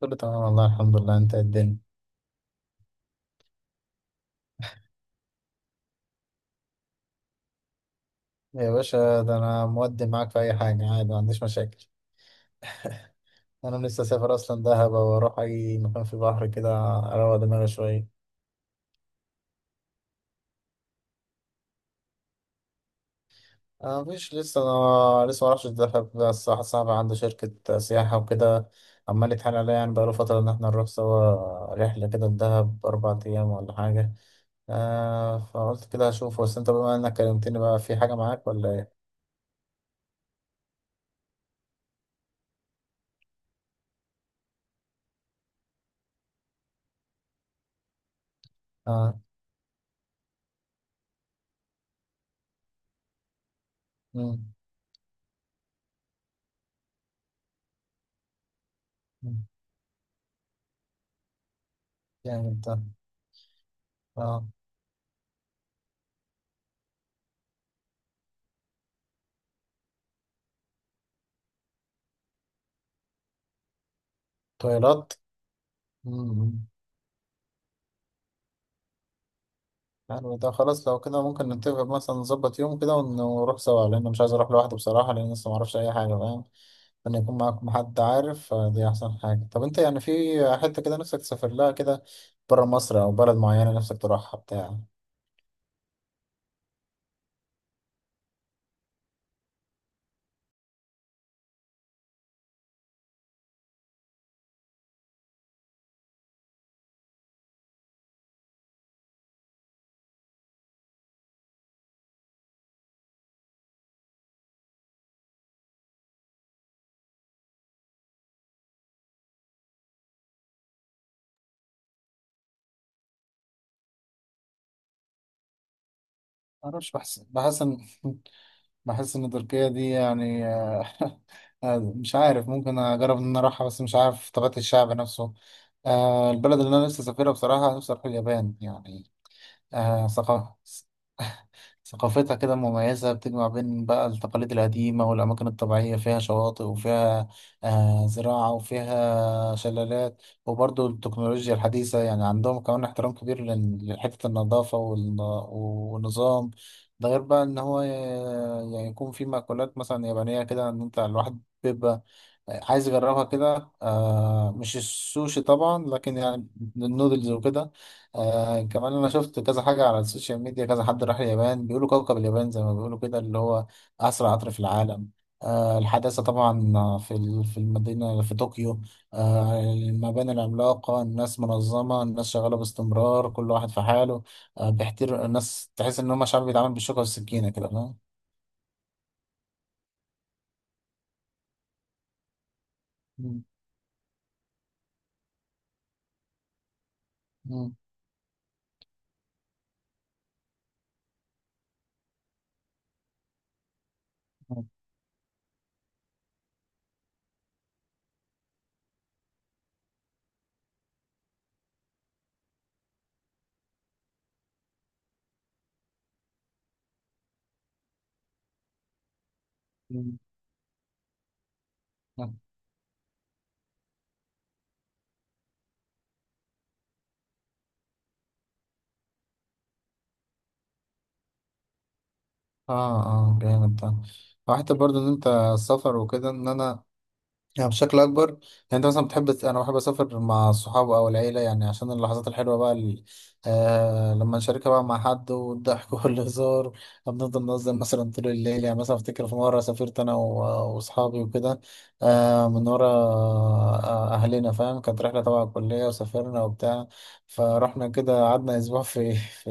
كله تمام والله، الحمد لله. انت إيه الدنيا؟ يا باشا، ده انا مودي معاك في اي حاجه، عادي ما عنديش مشاكل. انا لسه سافر اصلا دهب، واروح اي مكان في البحر كده اروق دماغي شويه. انا مفيش لسه. انا لسه ما اعرفش دهب، بس واحد صاحبي عنده شركه سياحه وكده عمال يتحايل عليا، يعني بقاله فتره ان احنا نروح سوا رحله كده لدهب 4 ايام ولا حاجه. آه فقلت كده اشوف، بس انت بما انك كلمتني بقى في حاجه معاك ولا ايه؟ اه. امم. يعني انت. اه. طيارات. مم. يعني ده خلاص لو كده ممكن نتفق مثلا نظبط يوم كده ونروح سوا، لأن مش عايز أروح لوحدي بصراحة، لأن لسه معرفش أي حاجة، فاهم إن يكون معاكم حد عارف. دي أحسن حاجة. طب أنت يعني في حتة كده نفسك تسافر لها كده، برا مصر أو بلد معينة نفسك تروحها بتاع. معرفش، بحس إن بحس إن تركيا دي يعني. مش عارف، ممكن أجرب إن أنا أروحها، بس مش عارف طبيعة الشعب نفسه. البلد اللي أنا نفسي أسافرها بصراحة نفسي أروح اليابان يعني. آه، ثقافة. ثقافتها كده مميزة، بتجمع بين بقى التقاليد القديمة والأماكن الطبيعية، فيها شواطئ وفيها زراعة وفيها شلالات وبرضو التكنولوجيا الحديثة. يعني عندهم كمان احترام كبير لحتة النظافة والنظام. ده غير بقى إن هو يعني يكون في مأكولات مثلا يابانية كده، إن أنت الواحد بيبقى عايز اجربها كده، مش السوشي طبعا لكن يعني النودلز وكده. كمان انا شفت كذا حاجه على السوشيال ميديا، كذا حد راح اليابان بيقولوا كوكب اليابان، زي ما بيقولوا كده، اللي هو اسرع قطر في العالم. الحداثه طبعا في المدينه في طوكيو. المباني العملاقه، الناس منظمه، الناس شغاله باستمرار، كل واحد في حاله. بيحترم الناس، تحس ان هم شعب بيتعامل بالشوكه والسكينه كده، فاهم. مم. مم. مم. اه، اه، جامد ده. وحتى برضو ان انت السفر وكده، ان انا يعني بشكل اكبر يعني. انت مثلا بتحب، انا بحب اسافر مع الصحاب او العيله، يعني عشان اللحظات الحلوه بقى لما نشاركها بقى مع حد، والضحك والهزار. بنفضل نهزر مثلا طول الليل. يعني مثلا افتكر في مره سافرت انا واصحابي وكده، من ورا اهلنا فاهم. كانت رحله تبع الكليه، وسافرنا وبتاع، فرحنا كده قعدنا اسبوع في في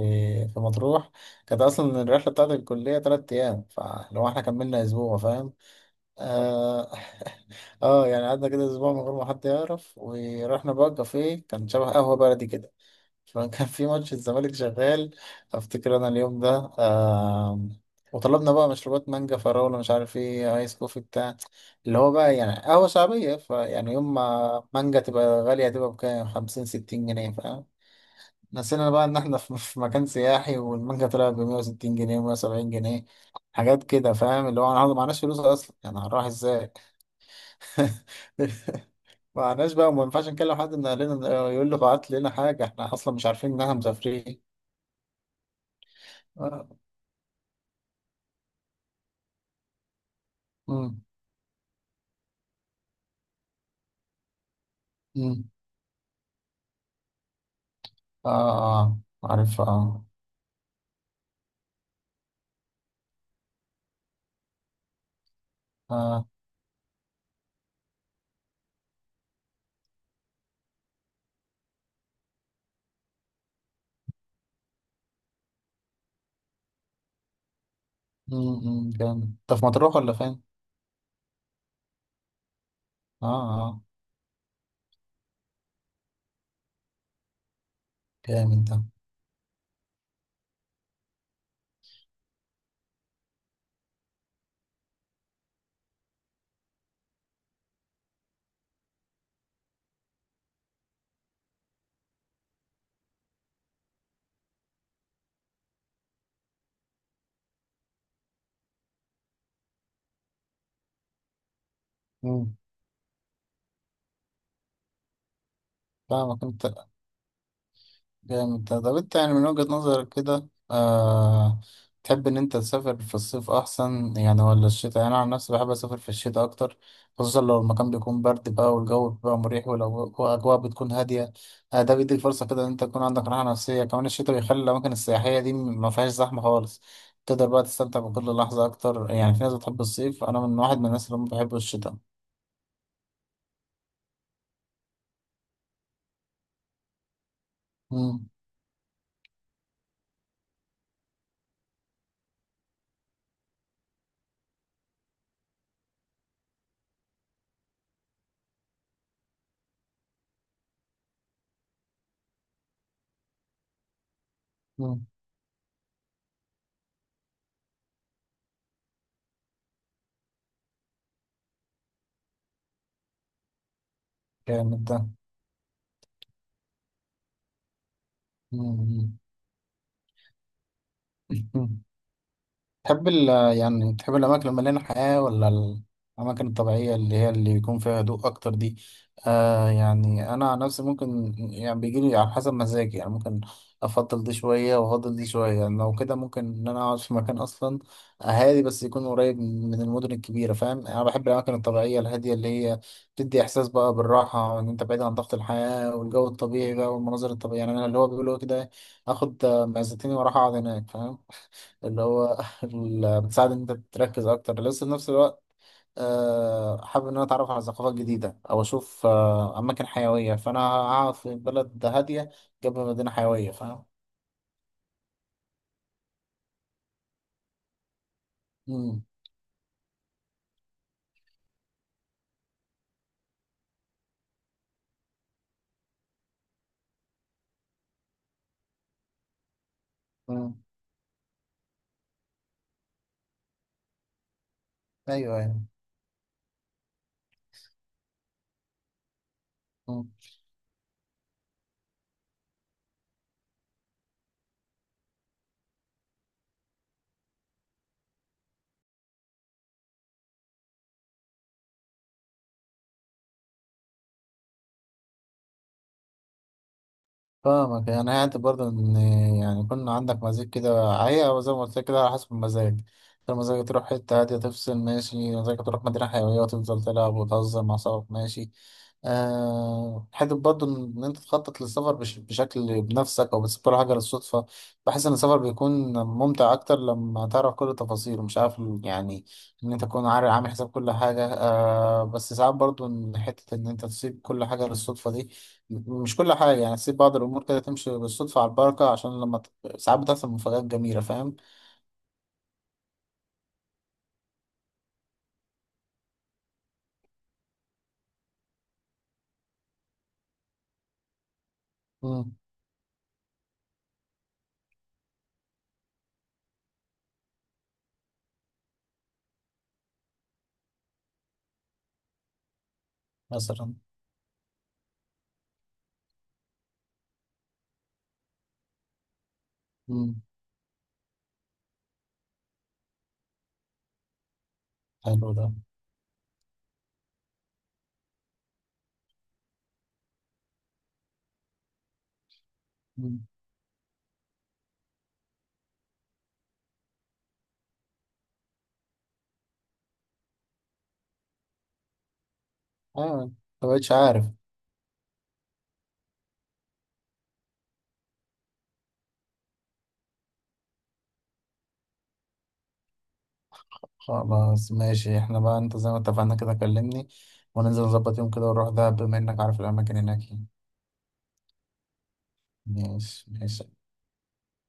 في مطروح. كانت اصلا الرحله بتاعت الكليه 3 ايام، فلو احنا كملنا اسبوع فاهم. آه، اه يعني قعدنا كده اسبوع من غير ما حد يعرف. ورحنا بقى كافيه كان شبه قهوه بلدي كده، فكان في ماتش الزمالك شغال، افتكر انا اليوم ده. آه. وطلبنا بقى مشروبات، مانجا فراوله مش عارف ايه ايس كوفي بتاع، اللي هو بقى يعني قهوه شعبيه. فيعني يوم ما مانجا تبقى غاليه تبقى بكام، 50 60 جنيه فاهم. نسينا بقى ان احنا في مكان سياحي، والمانجا طلعت ب 160 جنيه و170 جنيه، حاجات كده فاهم. اللي هو انا معناش فلوس اصلا، يعني هنروح ازاي؟ معناش بقى، وما ينفعش نكلم حد من اهلنا يقول له بعت لنا حاجه، احنا اصلا مش عارفين انها مسافرين. اه. امم. امم. اه. آه، عارف. اه. اه. امم. أمم، جامد. انت في مطروح ولا فين؟ اه. اه، جامد ده. امم. فاهمك انت. جامد ده. طب انت يعني من وجهة نظرك كده، تحب ان انت تسافر في الصيف احسن يعني، ولا الشتاء؟ يعني انا عن نفسي بحب اسافر في الشتاء اكتر، خصوصا لو المكان بيكون برد بقى، والجو بيبقى مريح، والاجواء بتكون هادية. ده بيديك فرصة كده ان انت تكون عندك راحة نفسية. كمان الشتاء بيخلي الاماكن السياحية دي ما فيهاش زحمة خالص، تقدر بقى تستمتع بكل لحظة اكتر. يعني في ناس بتحب الصيف، انا من واحد من الناس اللي ما بحب الشتاء. مم. مم. جامد ده. مم. مم. تحب ال يعني تحب الأماكن المليانة حياة، ولا الأماكن الطبيعية اللي هي اللي يكون فيها هدوء أكتر دي؟ يعني أنا عن نفسي ممكن يعني بيجيلي على حسب مزاجي. يعني ممكن أفضل دي شوية وأفضل دي شوية. يعني لو كده ممكن إن أنا أقعد في مكان أصلا هادي، بس يكون قريب من المدن الكبيرة، فاهم؟ أنا بحب الأماكن الطبيعية الهادية اللي هي بتدي إحساس بقى بالراحة، إن أنت بعيد عن ضغط الحياة، والجو الطبيعي بقى والمناظر الطبيعية. يعني أنا اللي هو بيقولوا كده إيه، آخد معزتين وأروح أقعد هناك، فاهم؟ اللي هو اللي بتساعد ان انت تركز اكتر، لسه في نفس الوقت حابب ان انا اتعرف على ثقافات جديده او اشوف اماكن حيويه، فانا هقعد في بلد هاديه جنب مدينه حيويه، فاهم. امم. أمم. ايوه، ايوه. أمم. فاهمك. يعني هي برضه ان يعني يكون عندك مزاج كده، هي أو زي ما قلت لك كده على حسب المزاج. لو مزاجك تروح حته هاديه تفصل، ماشي. مزاجك تروح مدينه حيويه وتفضل تلعب وتهزر مع صحابك، ماشي. حته برضه ان انت تخطط للسفر بشكل بنفسك او بتسيب كل حاجه للصدفه. بحس ان السفر بيكون ممتع اكتر لما تعرف كل التفاصيل، مش عارف يعني ان انت تكون عارف عامل حساب كل حاجه. بس ساعات برضه ان حته ان انت تسيب كل حاجه للصدفه دي، مش كل حاجه، يعني تسيب بعض الامور كده تمشي بالصدفه على البركه، عشان لما ساعات بتحصل مفاجآت جميله، فاهم. مم، مثلا. مم. حلو ده. مم. ايوه. ما بقتش عارف. خلاص ماشي. احنا بقى انت زي ما اتفقنا كده كلمني، وننزل نظبط يوم كده ونروح دهب، بما انك عارف الاماكن هناك يعني. ماشي ماشي